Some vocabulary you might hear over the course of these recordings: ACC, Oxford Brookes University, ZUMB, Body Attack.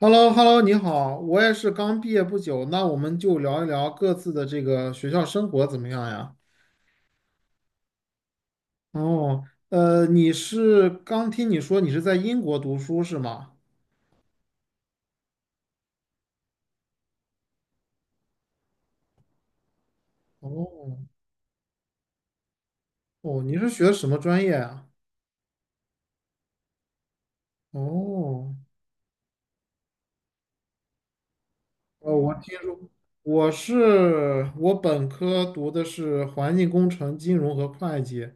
h e l l o h e l l o 你好，我也是刚毕业不久，那我们就聊一聊各自的这个学校生活怎么样呀？哦，你是刚听你说你是在英国读书是吗？哦哦，你是学什么专业啊？哦，哦，我本科读的是环境工程、金融和会计，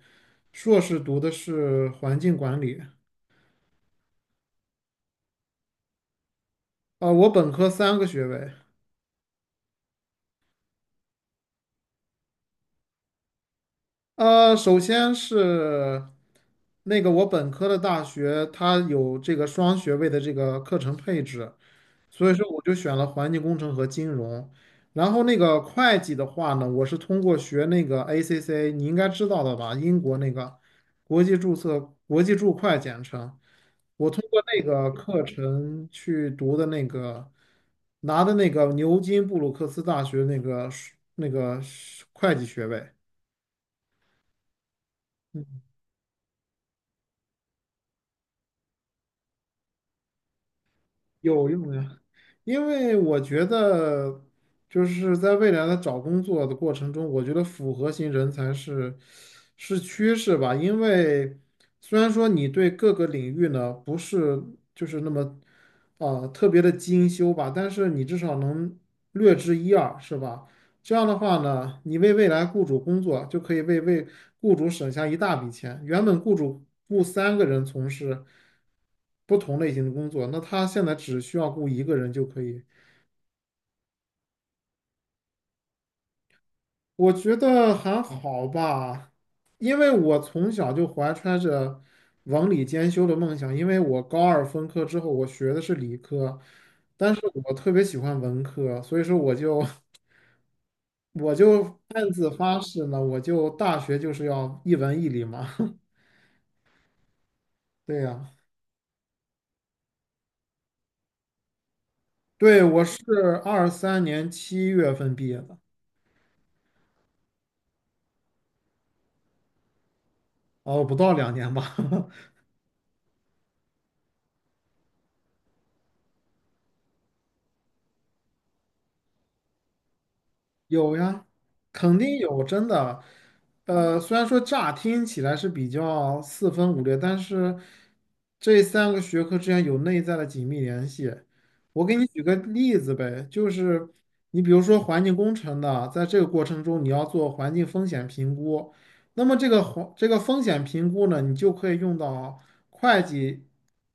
硕士读的是环境管理。啊、我本科3个学位。首先是那个我本科的大学，它有这个双学位的这个课程配置，所以说我就选了环境工程和金融。然后那个会计的话呢，我是通过学那个 ACC 你应该知道的吧？英国那个国际注册、国际注会简称。我通过那个课程去读的那个，拿的那个牛津布鲁克斯大学那个会计学位。嗯有用呀，因为我觉得就是在未来的找工作的过程中，我觉得复合型人才是趋势吧。因为虽然说你对各个领域呢不是就是那么啊、特别的精修吧，但是你至少能略知一二，是吧？这样的话呢，你为未来雇主工作，就可以为雇主省下一大笔钱。原本雇主雇3个人从事不同类型的工作，那他现在只需要雇一个人就可以。我觉得还好吧，因为我从小就怀揣着文理兼修的梦想。因为我高二分科之后，我学的是理科，但是我特别喜欢文科，所以说我就 我就暗自发誓呢，我就大学就是要一文一理嘛。对呀、对，我是23年7月份毕业的，哦，不到2年吧。有呀，肯定有，真的。虽然说乍听起来是比较四分五裂，但是这三个学科之间有内在的紧密联系。我给你举个例子呗，就是你比如说环境工程的，在这个过程中你要做环境风险评估，那么这个环这个风险评估呢，你就可以用到会计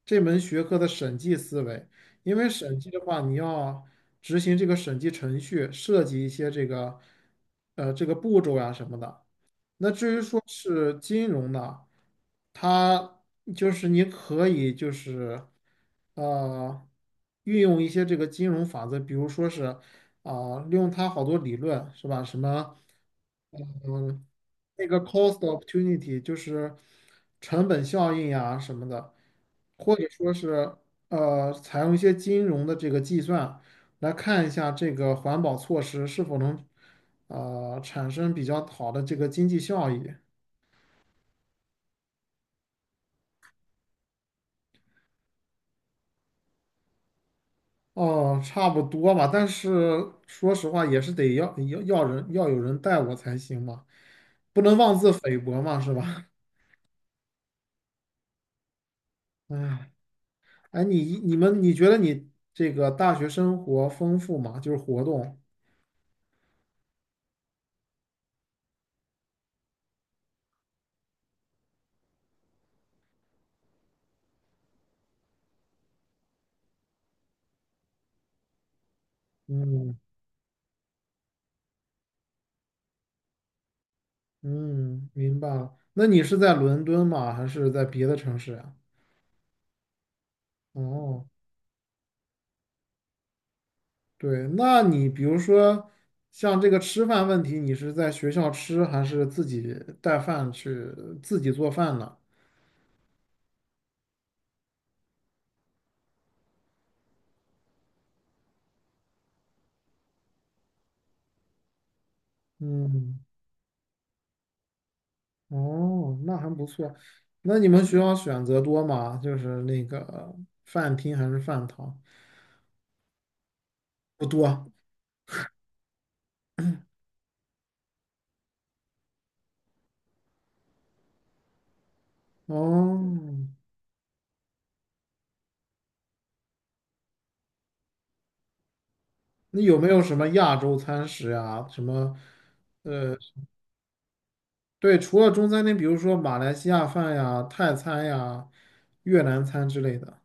这门学科的审计思维，因为审计的话，执行这个审计程序，涉及一些这个这个步骤呀、什么的。那至于说是金融呢，它就是你可以就是。呃，运用一些这个金融法则，比如说是啊、利用它好多理论是吧？什么嗯，那个 cost opportunity 就是成本效应呀什么的，或者说是采用一些金融的这个计算来看一下这个环保措施是否能产生比较好的这个经济效益。哦，差不多吧，但是说实话，也是得要要要人要有人带我才行嘛，不能妄自菲薄嘛，是吧？哎，哎，你觉得你这个大学生活丰富吗？就是活动，嗯嗯，明白了。那你是在伦敦吗？还是在别的城市呀？哦，对，那你比如说像这个吃饭问题，你是在学校吃还是自己带饭去自己做饭呢？嗯。哦，那还不错。那你们学校选择多吗？就是那个饭厅还是饭堂？不多。哦，那有没有什么亚洲餐食呀？什么？对，除了中餐厅，比如说马来西亚饭呀、泰餐呀、越南餐之类的，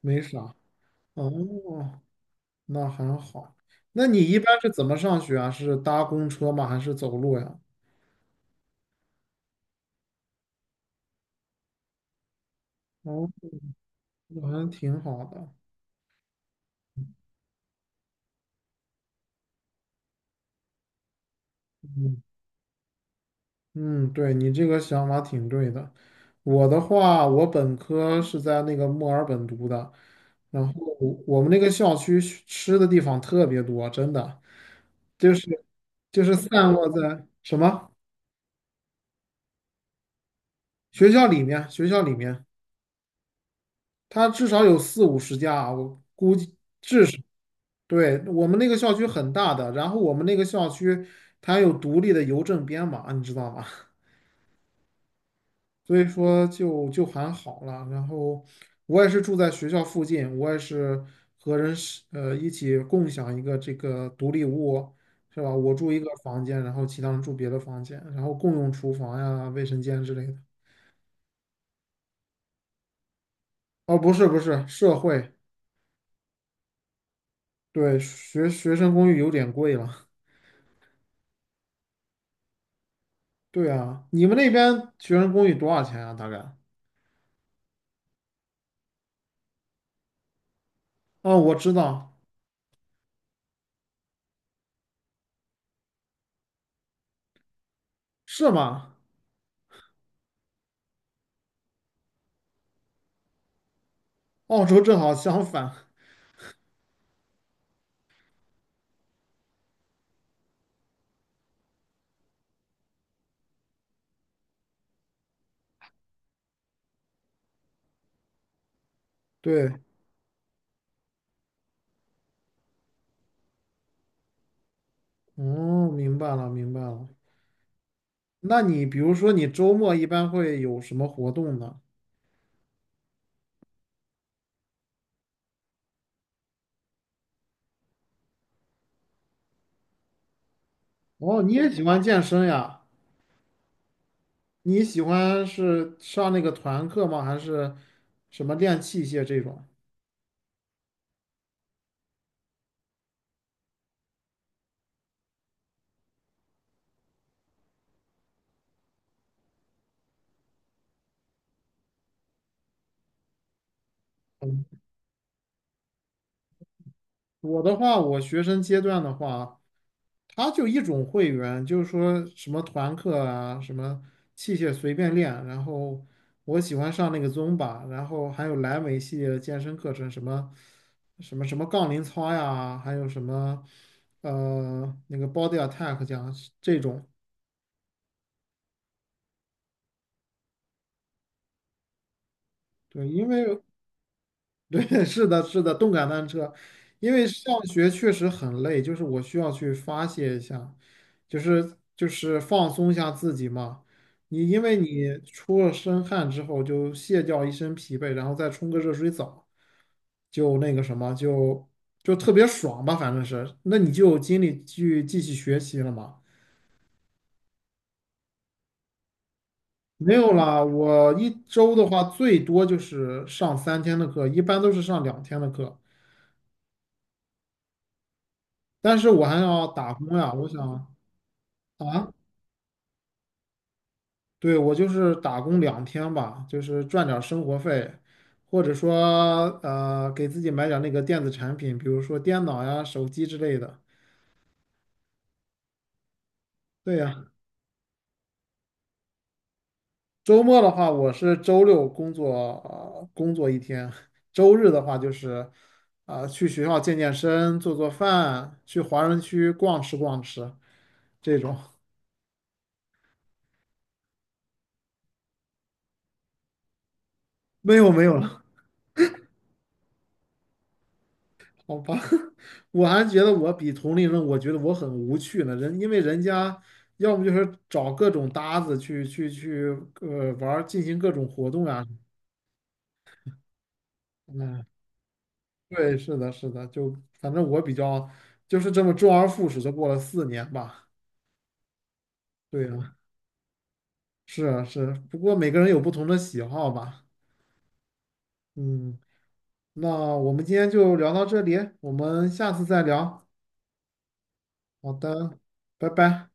没啥。哦，那还好。那你一般是怎么上学啊？是搭公车吗？还是走路呀？哦，那还挺好的。嗯。嗯，对，你这个想法挺对的。我的话，我本科是在那个墨尔本读的，然后我们那个校区吃的地方特别多，真的，就是散落在什么学校里面，它至少有四五十家啊我估计。对，我们那个校区很大的，然后我们那个校区它有独立的邮政编码，你知道吗？所以说就还好了。然后我也是住在学校附近，我也是和人是一起共享一个这个独立屋，是吧？我住一个房间，然后其他人住别的房间，然后共用厨房呀、卫生间之类的。哦，不是不是，社会，对，学生公寓有点贵了。对啊，你们那边学生公寓多少钱啊？大概？哦，我知道，是吗？澳洲正好相反。对，哦，明白了，明白了。那你比如说，你周末一般会有什么活动呢？哦，你也喜欢健身呀？你喜欢是上那个团课吗？还是什么练器械这种？我的话，我学生阶段的话，他就一种会员，就是说什么团课啊，什么器械随便练，然后我喜欢上那个 Zumba 然后还有莱美系列的健身课程，什么杠铃操呀，还有什么那个 Body Attack 讲这种，对，因为对，是的，是的，动感单车，因为上学确实很累，就是我需要去发泄一下，就是放松一下自己嘛。你因为你出了身汗之后，就卸掉一身疲惫，然后再冲个热水澡，就那个什么，就特别爽吧，反正是。那你就有精力去继续学习了嘛。没有啦，我一周的话最多就是上3天的课，一般都是上两天的课，但是我还要打工呀，我想。啊，对，我就是打工两天吧，就是赚点儿生活费，或者说给自己买点儿那个电子产品，比如说电脑呀、手机之类的。对呀，周末的话，我是周六工作，工作一天，周日的话就是去学校健健身、做做饭，去华人区逛吃逛吃这种。没有没有了。好吧，我还觉得我比同龄人，我觉得我很无趣呢。人因为人家要么就是找各种搭子去玩儿，进行各种活动呀、嗯，对，是的，是的，就反正我比较就是这么周而复始的过了4年吧。对啊，是啊，是啊，不过每个人有不同的喜好吧。嗯，那我们今天就聊到这里，我们下次再聊。好的，拜拜。